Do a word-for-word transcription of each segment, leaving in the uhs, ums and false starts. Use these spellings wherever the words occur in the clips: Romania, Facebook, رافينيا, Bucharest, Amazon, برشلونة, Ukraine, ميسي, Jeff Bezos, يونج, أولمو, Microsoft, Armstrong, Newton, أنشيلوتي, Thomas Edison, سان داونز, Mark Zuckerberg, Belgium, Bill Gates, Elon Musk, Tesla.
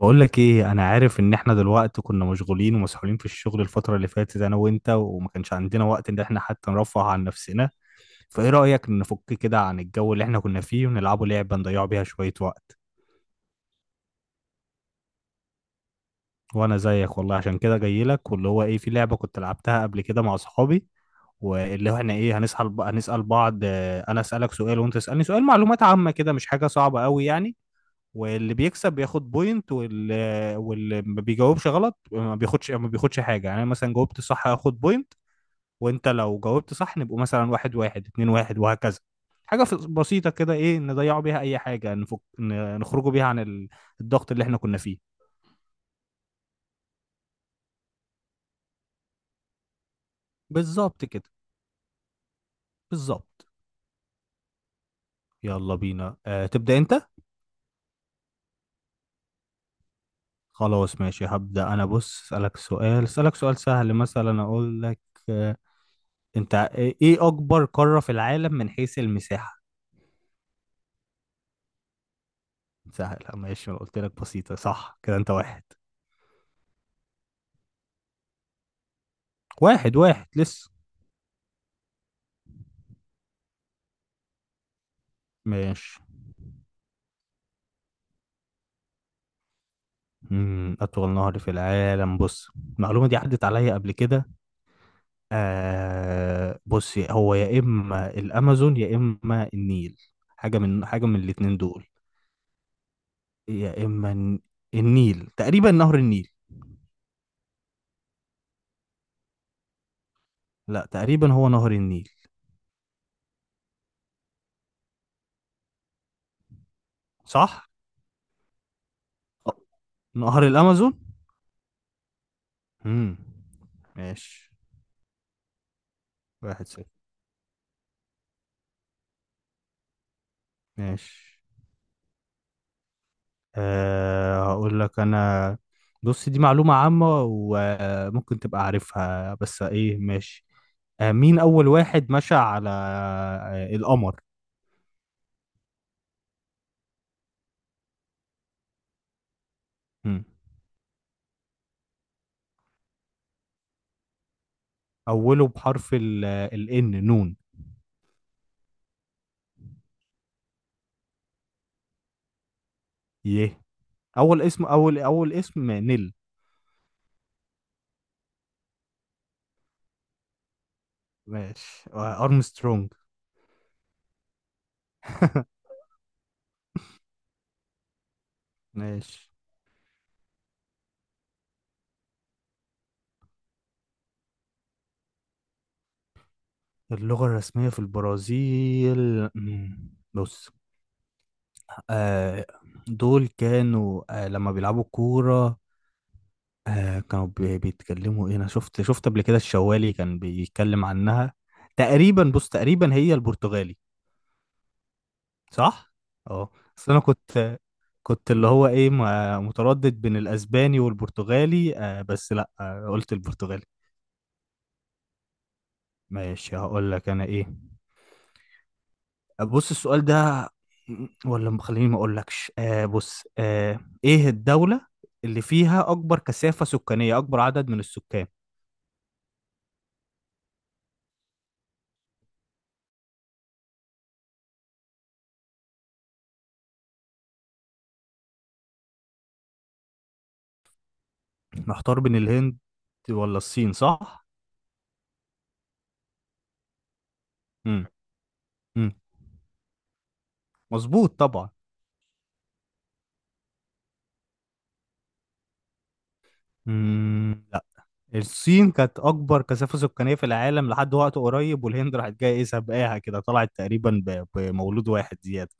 بقول لك ايه، انا عارف ان احنا دلوقتي كنا مشغولين ومسحولين في الشغل الفترة اللي فاتت انا وانت، وما كانش عندنا وقت ان احنا حتى نرفه عن نفسنا. فايه رأيك نفك كده عن الجو اللي احنا كنا فيه ونلعبه لعبة نضيع بيها شوية وقت؟ وانا زيك والله، عشان كده جاي لك، واللي هو ايه، في لعبة كنت لعبتها قبل كده مع صحابي. واللي هو احنا ايه، هنسأل هنسأل بعض. آه، انا اسألك سؤال وانت تسألني سؤال، معلومات عامة كده، مش حاجة صعبة قوي يعني. واللي بيكسب بياخد بوينت، واللي واللي ما بيجاوبش غلط ما بياخدش ما بياخدش حاجه. يعني أنا مثلا جاوبت صح هاخد بوينت، وانت لو جاوبت صح نبقوا مثلا واحد واحد، اتنين واحد، وهكذا. حاجه في- بسيطه كده، ايه، نضيعوا بيها اي حاجه، نفك، ن- نخرجوا بيها عن ال- الضغط اللي احنا كنا فيه. بالظبط كده. بالظبط. يلا بينا، أه، تبدا انت. خلاص ماشي، هبدا انا. بص، اسالك سؤال اسالك سؤال سهل، مثلا اقول لك. أه. انت ايه اكبر قاره في العالم من حيث المساحه؟ سهل ماشي، انا قلت لك بسيطة، صح كده. انت واحد. واحد واحد لسه. ماشي. مم، أطول نهر في العالم، بص. المعلومة دي عدت عليا قبل كده. آه بص، هو يا إما الأمازون يا إما النيل، حاجة من حاجة من الاتنين دول. يا إما الن- النيل، تقريبا نهر النيل. لا تقريبا هو نهر النيل. صح؟ أه، نهر الأمازون. مم. ماشي. واحد صفر. ماشي. أه هقول لك انا. بص، دي معلومة عامة وممكن تبقى عارفها، بس ايه، ماشي. أه مين اول واحد مشى على آه، القمر؟ مم. اوله بحرف ال، الان نون. يه. اول اسم اول اول اسم نيل. ماشي. آه، ارمسترونج. ماشي. اللغة الرسمية في البرازيل، مم. بص، آه، دول كانوا، آه لما بيلعبوا كورة، آه كانوا بي- بيتكلموا ايه، انا شفت شفت قبل كده الشوالي كان بيتكلم عنها. تقريبا بص، تقريبا هي البرتغالي. صح. اه بس انا كنت، كنت اللي هو ايه، ما- متردد بين الاسباني والبرتغالي. آه بس لا، آه قلت البرتغالي. ماشي هقول لك انا ايه. بص السؤال ده، ولا م- خليني ما اقولكش. آه بص، آه ايه الدولة اللي فيها اكبر كثافة سكانية، اكبر عدد من السكان؟ محتار بين الهند ولا الصين، صح؟ امم مم. مظبوط طبعا. مم. لا، الصين كانت اكبر كثافه سكانيه في العالم لحد وقت قريب، والهند راحت جايه ايه، سابقاها كده، طلعت تقريبا ب- بمولود واحد زياده.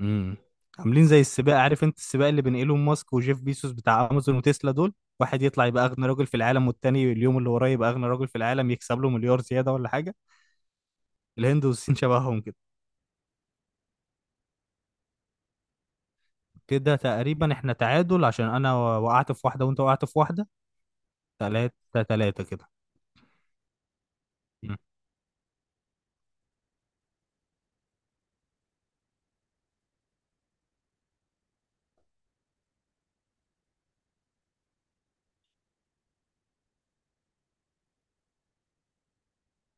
مم. عاملين زي السباق. عارف انت السباق اللي بين ايلون ماسك وجيف بيسوس بتاع امازون وتسلا دول؟ واحد يطلع يبقى اغنى راجل في العالم، والتاني اليوم اللي وراه يبقى اغنى راجل في العالم، يكسب له مليار زياده ولا حاجه. الهند والصين شبههم كده. كده تقريبا احنا تعادل، عشان انا وقعت في واحده وانت وقعت في واحده. تلاتة تلاتة كده.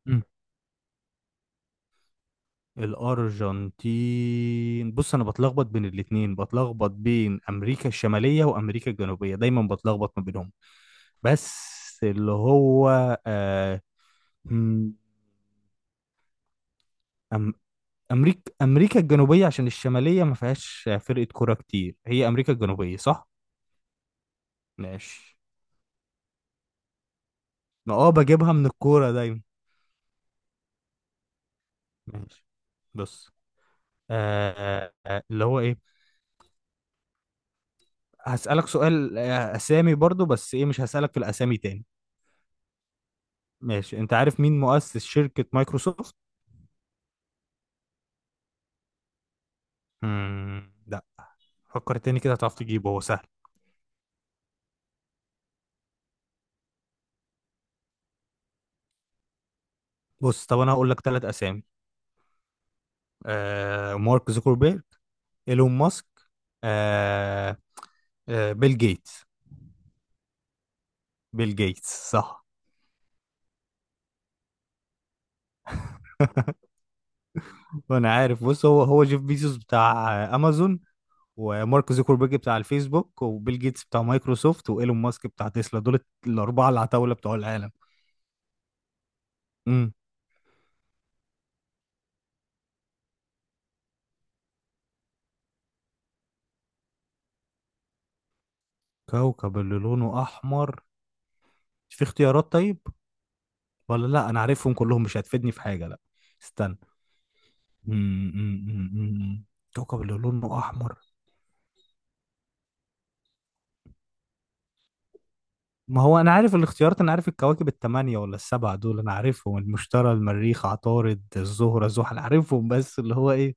مم. الأرجنتين، بص أنا بتلخبط بين الاتنين، بتلخبط بين أمريكا الشمالية وأمريكا الجنوبية، دايما بتلخبط ما بينهم. بس اللي هو، آه مم، أم أمريكا أمريكا الجنوبية، عشان الشمالية ما فيهاش فرقة كورة كتير، هي أمريكا الجنوبية، صح؟ ماشي. أنا أه بجيبها من الكورة دايما. ماشي، بص، آه آه، آه، اللي هو إيه، هسألك سؤال، آه، أسامي برضو بس إيه، مش هسألك في الأسامي تاني. ماشي. انت عارف مين مؤسس شركة مايكروسوفت؟ مم. لا، فكر تاني كده هتعرف تجيبه، هو سهل. بص طب انا هقول لك ثلاث اسامي. آه، مارك زوكربيرج، ايلون ماسك، آه آه بيل جيتس. بيل جيتس صح. وانا عارف. بص، هو هو جيف بيزوس بتاع آه، امازون، ومارك زوكربيرج بتاع الفيسبوك، وبيل جيتس بتاع مايكروسوفت، وايلون ماسك بتاع تسلا، دول الاربعة العتاولة بتوع العالم. امم كوكب اللي لونه احمر، مش في اختيارات طيب؟ ولا لا، انا عارفهم كلهم مش هتفيدني في حاجه، لا. استنى. م- م- م- م- كوكب اللي لونه احمر. ما هو انا عارف الاختيارات، انا عارف الكواكب الثمانيه ولا السبعه دول، انا عارفهم: المشتري، المريخ، عطارد، الزهره، زحل، عارفهم، بس اللي هو ايه.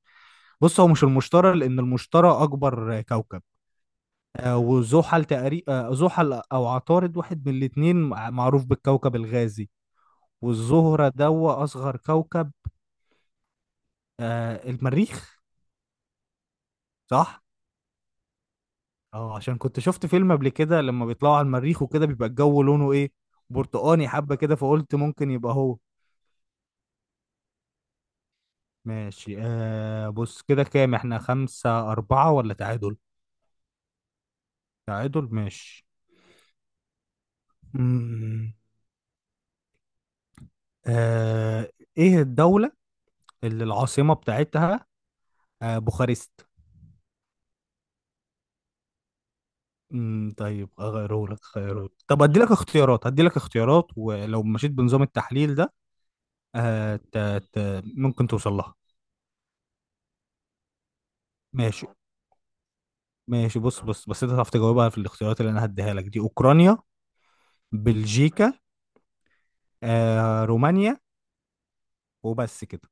بص هو مش المشتري، لان المشتري اكبر كوكب. آه، وزحل تقريبا، زحل او عطارد، واحد من الاثنين معروف بالكوكب الغازي. والزهره دوا اصغر كوكب. آه، المريخ. صح. اه عشان كنت شفت فيلم قبل كده لما بيطلعوا على المريخ وكده بيبقى الجو لونه ايه، برتقاني حبة كده، فقلت ممكن يبقى هو. ماشي. آه بص، كده كام احنا، خمسة أربعة ولا تعادل؟ تعادل ماشي. مم. آه ايه الدولة اللي العاصمة بتاعتها آه بوخارست؟ مم، طيب اغيره لك، خيره. طب ادي لك اختيارات، ادي لك اختيارات ولو مشيت بنظام التحليل ده. آه ت... ت... ممكن توصل لها. ماشي ماشي، بص بص، بس انت تعرف تجاوبها في الاختيارات اللي انا هديها لك دي: اوكرانيا، بلجيكا، آه، رومانيا. وبس كده.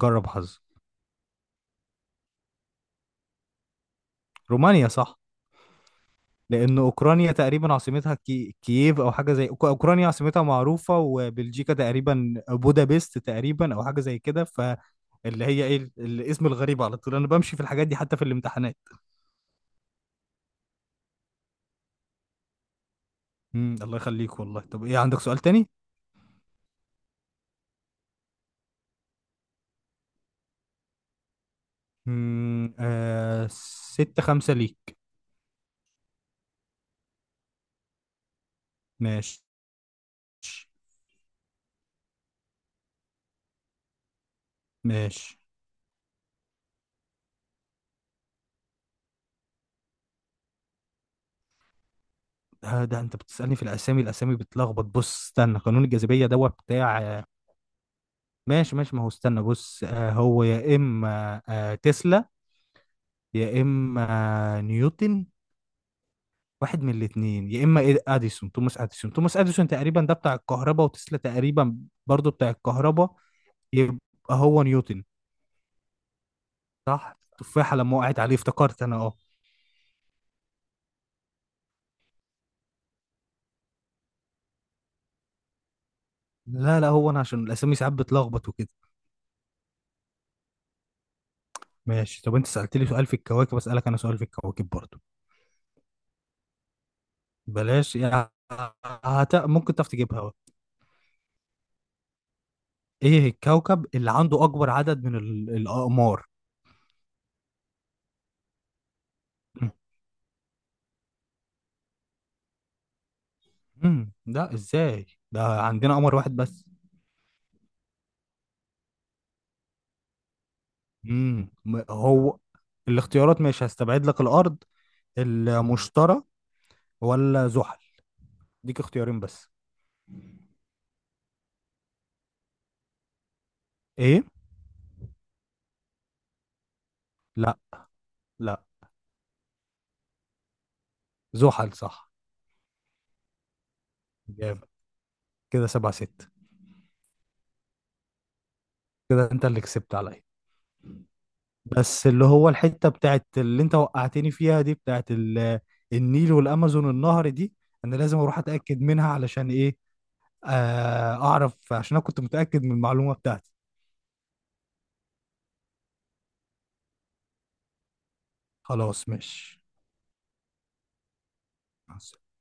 جرب حظ. رومانيا صح. لان اوكرانيا تقريبا عاصمتها كي... كييف او حاجه زي، أوك- اوكرانيا عاصمتها معروفه، وبلجيكا تقريبا بودابست تقريبا او حاجه زي كده، فاللي هي ايه، ال- الاسم الغريب، على طول انا بمشي في الحاجات دي حتى في الامتحانات. مم. الله يخليك والله. طب ايه، عندك سؤال تاني؟ مم. آه... ستة خمسة ليك. ماشي ماشي. ده, ده انت بتسألني في الاسامي، الاسامي بتلخبط. بص استنى، قانون الجاذبية ده بتاع. ماشي ماشي، ما هو استنى. بص، آه، هو يا اما آه، تسلا، يا اما آه، نيوتن. واحد من الاثنين، يا اما إد- اديسون، توماس اديسون توماس اديسون تقريبا ده بتاع الكهرباء، وتسلا تقريبا برضو بتاع الكهرباء. يبقى هو نيوتن. صح التفاحة لما وقعت عليه افتكرت انا، اه. لا لا، هو انا عشان الاسامي ساعات بتلخبط وكده. ماشي. طب انت سألتلي سؤال في الكواكب، اسألك انا سؤال في الكواكب برضو. بلاش يعني؟ هت... ممكن تعرف تجيبها. ايه الكوكب اللي عنده اكبر عدد من ال... الاقمار؟ امم ده ازاي؟ ده عندنا قمر واحد بس. امم هو الاختيارات، ماشي هستبعد لك الارض. المشتري ولا زحل، ديك اختيارين بس. ايه؟ لا، لا. زحل صح. جامد. كده سبعة ست. كده انت اللي كسبت عليا. بس اللي هو الحتة بتاعت اللي انت وقعتني فيها دي، بتاعت ال- النيل والامازون، النهر دي، انا لازم اروح اتاكد منها، علشان ايه، آه، اعرف، عشان انا كنت متاكد من المعلومة بتاعتي. خلاص ماشي. مع السلامة.